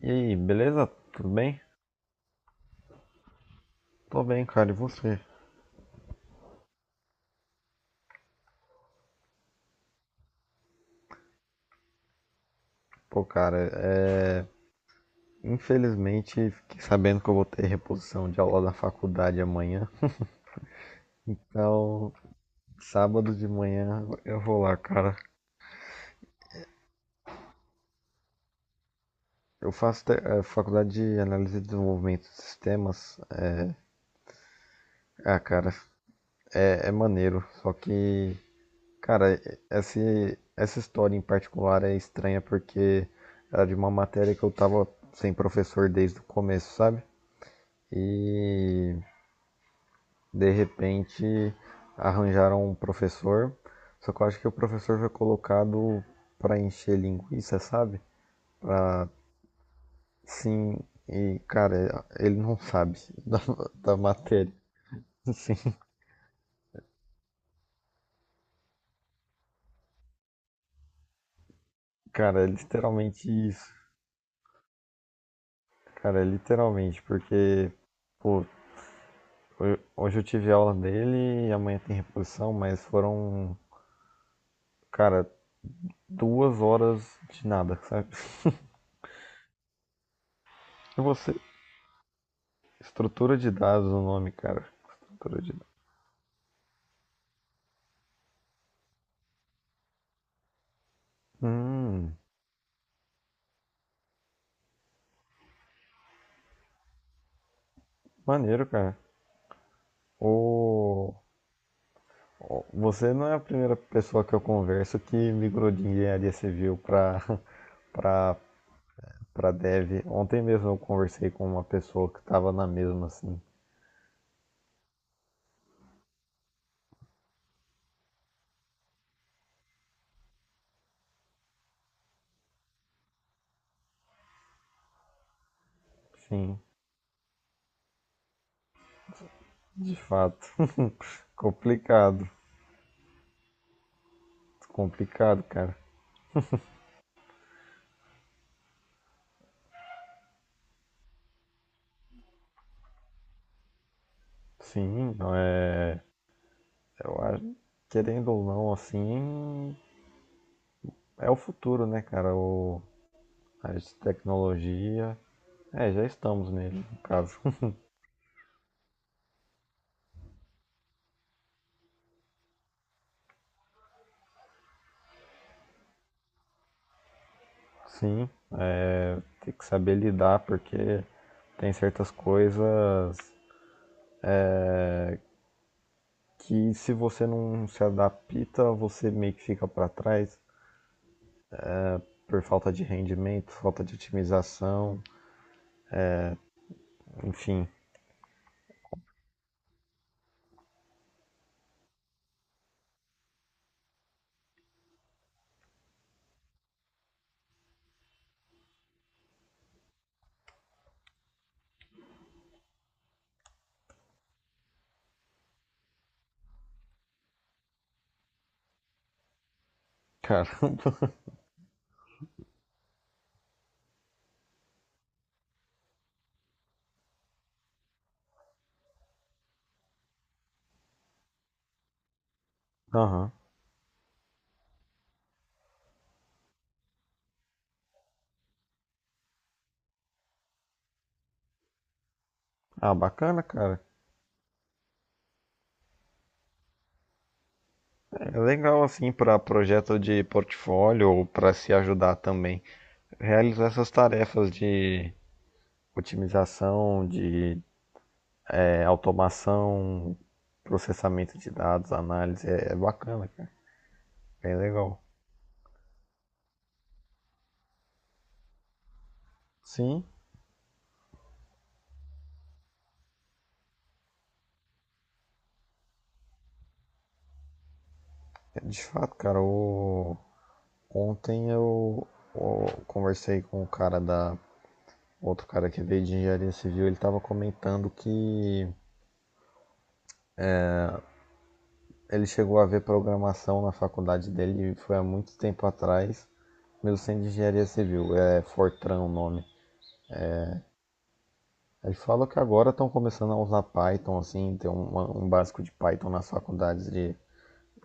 E aí, beleza? Tudo bem? Tô bem, cara. E você? Pô, cara, infelizmente fiquei sabendo que eu vou ter reposição de aula na faculdade amanhã. Então, sábado de manhã eu vou lá, cara. Eu faço faculdade de análise e desenvolvimento de sistemas. Cara, é maneiro. Só que, cara, essa história em particular é estranha porque era de uma matéria que eu tava sem professor desde o começo, sabe? E de repente arranjaram um professor, só que eu acho que o professor foi colocado para encher linguiça, sabe? Pra Sim, e cara, ele não sabe da, da matéria. Sim, cara, é literalmente isso. Cara, é literalmente, porque pô, hoje eu tive aula dele e amanhã tem reposição, mas foram, cara, 2 horas de nada, sabe? E você, Estrutura de dados o nome, cara. Estrutura de Hum, Maneiro, cara. O... Você não é a primeira pessoa que eu converso que migrou de engenharia civil para para para dev. Ontem mesmo eu conversei com uma pessoa que estava na mesma, assim. Sim, de fato. Complicado, complicado, cara. Sim, eu acho, querendo ou não, assim, é o futuro, né, cara? A tecnologia. É, já estamos nele, no caso. Sim, é, tem que saber lidar porque tem certas coisas que se você não se adapta, você meio que fica para trás por falta de rendimento, falta de otimização, enfim. Caramba. Aham. Ah, bacana, cara. É legal assim para projeto de portfólio ou para se ajudar também. Realizar essas tarefas de otimização, de automação, processamento de dados, análise, é bacana, cara. Bem legal. Sim, de fato, cara, ontem eu conversei com o cara da. Outro cara que veio de engenharia civil, ele estava comentando que ele chegou a ver programação na faculdade dele, e foi há muito tempo atrás, mesmo sendo de engenharia civil, é Fortran o nome. Ele fala que agora estão começando a usar Python, assim, tem um básico de Python nas faculdades de,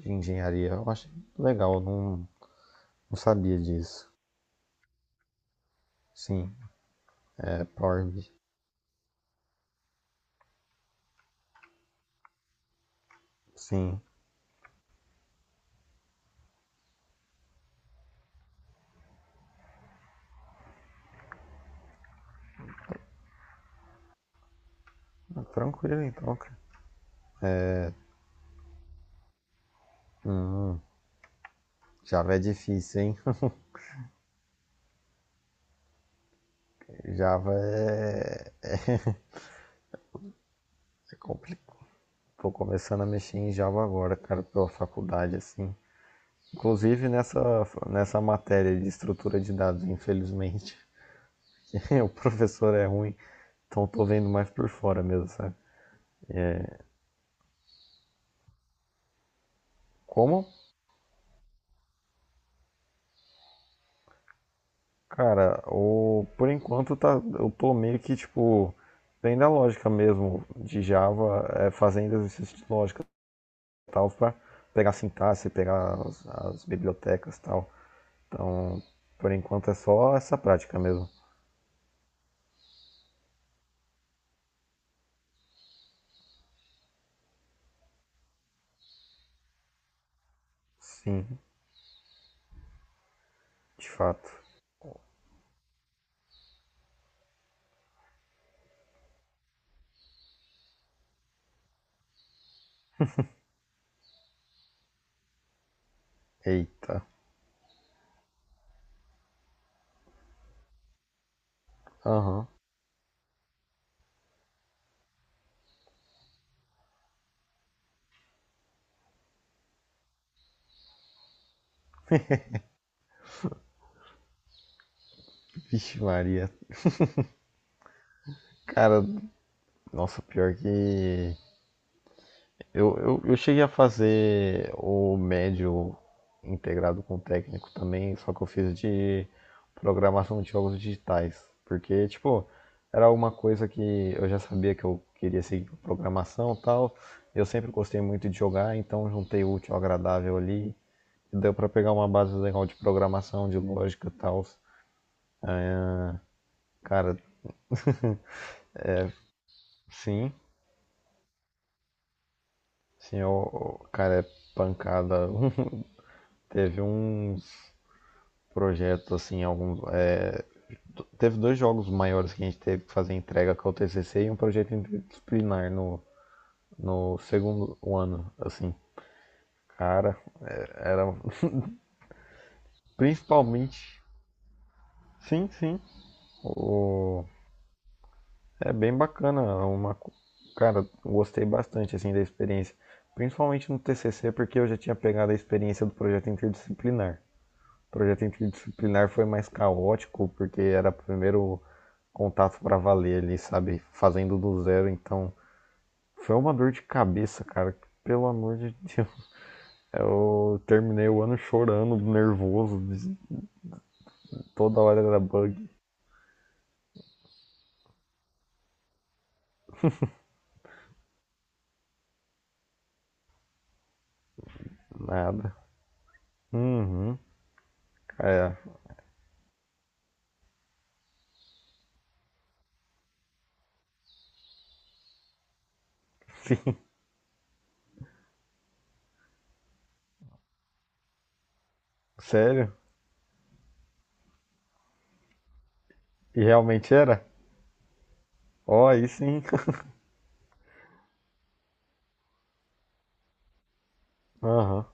de engenharia. Eu achei legal, eu não sabia disso. Sim, é Power BI. Sim, ah, tranquilo então, cara. Hum, Java é difícil, hein? Java é complicado. Tô começando a mexer em Java agora, cara, pela faculdade, assim. Inclusive nessa matéria de estrutura de dados, infelizmente. O professor é ruim, então tô vendo mais por fora mesmo, sabe? Como? Cara, por enquanto eu tô meio que, tipo, vendo a lógica mesmo de Java, fazendo exercícios de lógica. Tal, para pegar a sintaxe, pegar as bibliotecas e tal. Então, por enquanto é só essa prática mesmo. Sim, de fato. Eita. Aham. Uhum. Vixe Maria. Cara, nossa, pior que eu cheguei a fazer o médio integrado com o técnico também, só que eu fiz de programação de jogos digitais. Porque, tipo, era uma coisa que eu já sabia que eu queria seguir com programação e tal. Eu sempre gostei muito de jogar, então juntei o útil ao agradável ali. E deu pra pegar uma base legal de programação, de lógica e tal. Cara, sim, sim, o cara é pancada. Teve uns projetos assim, alguns. Teve dois jogos maiores que a gente teve que fazer entrega com o TCC e um projeto interdisciplinar no segundo ano, assim. Cara, era principalmente. Sim, sim. O... É bem bacana, é uma. Cara, gostei bastante, assim, da experiência. Principalmente no TCC, porque eu já tinha pegado a experiência do projeto interdisciplinar. O projeto interdisciplinar foi mais caótico, porque era o primeiro contato para valer ali, sabe? Fazendo do zero, então. Foi uma dor de cabeça, cara. Pelo amor de Deus. Eu terminei o ano chorando, nervoso. Toda hora era bug. Nada. Uhum. É. Sim. Sério? E realmente era? Ó, aí sim. Aham.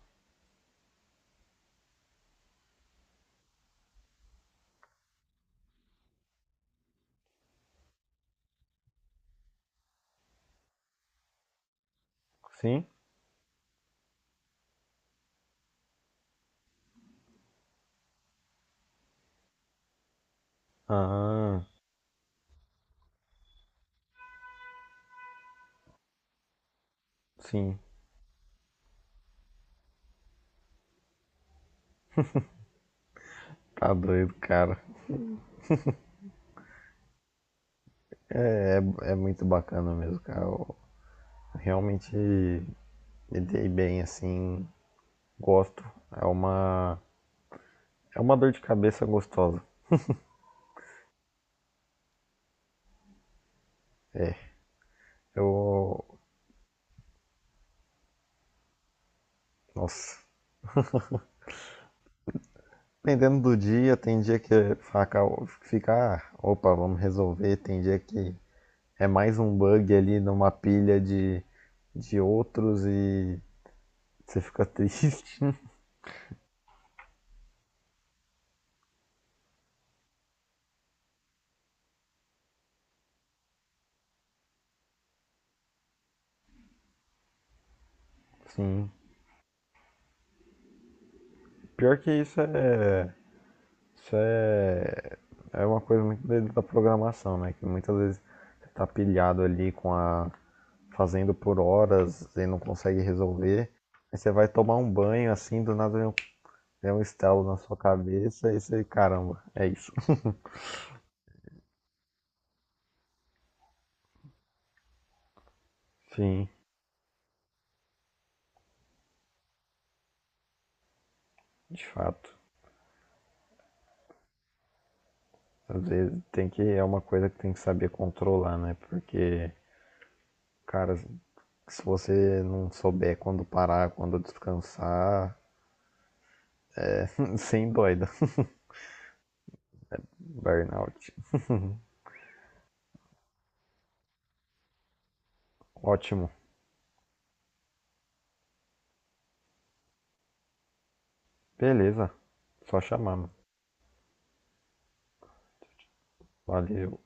Sim? Ah, sim. Tá doido, cara. É muito bacana mesmo, cara. Eu realmente me dei bem, assim. Gosto. É uma, é uma dor de cabeça gostosa. É. Eu. Nossa. Dependendo do dia, tem dia que é faca fica, ah, opa, vamos resolver. Tem dia que é mais um bug ali numa pilha de outros e você fica triste. Sim. Pior que isso é. Isso é. É uma coisa muito da programação, né? Que muitas vezes você tá pilhado ali com a. fazendo por horas e não consegue resolver. Aí você vai tomar um banho assim, do nada vem um estalo na sua cabeça e você, caramba, é isso. Sim, de fato. Às vezes é uma coisa que tem que saber controlar, né? Porque, cara, se você não souber quando parar, quando descansar, sem doida. Burnout. Ótimo. Beleza. Só chamar, mano. Valeu.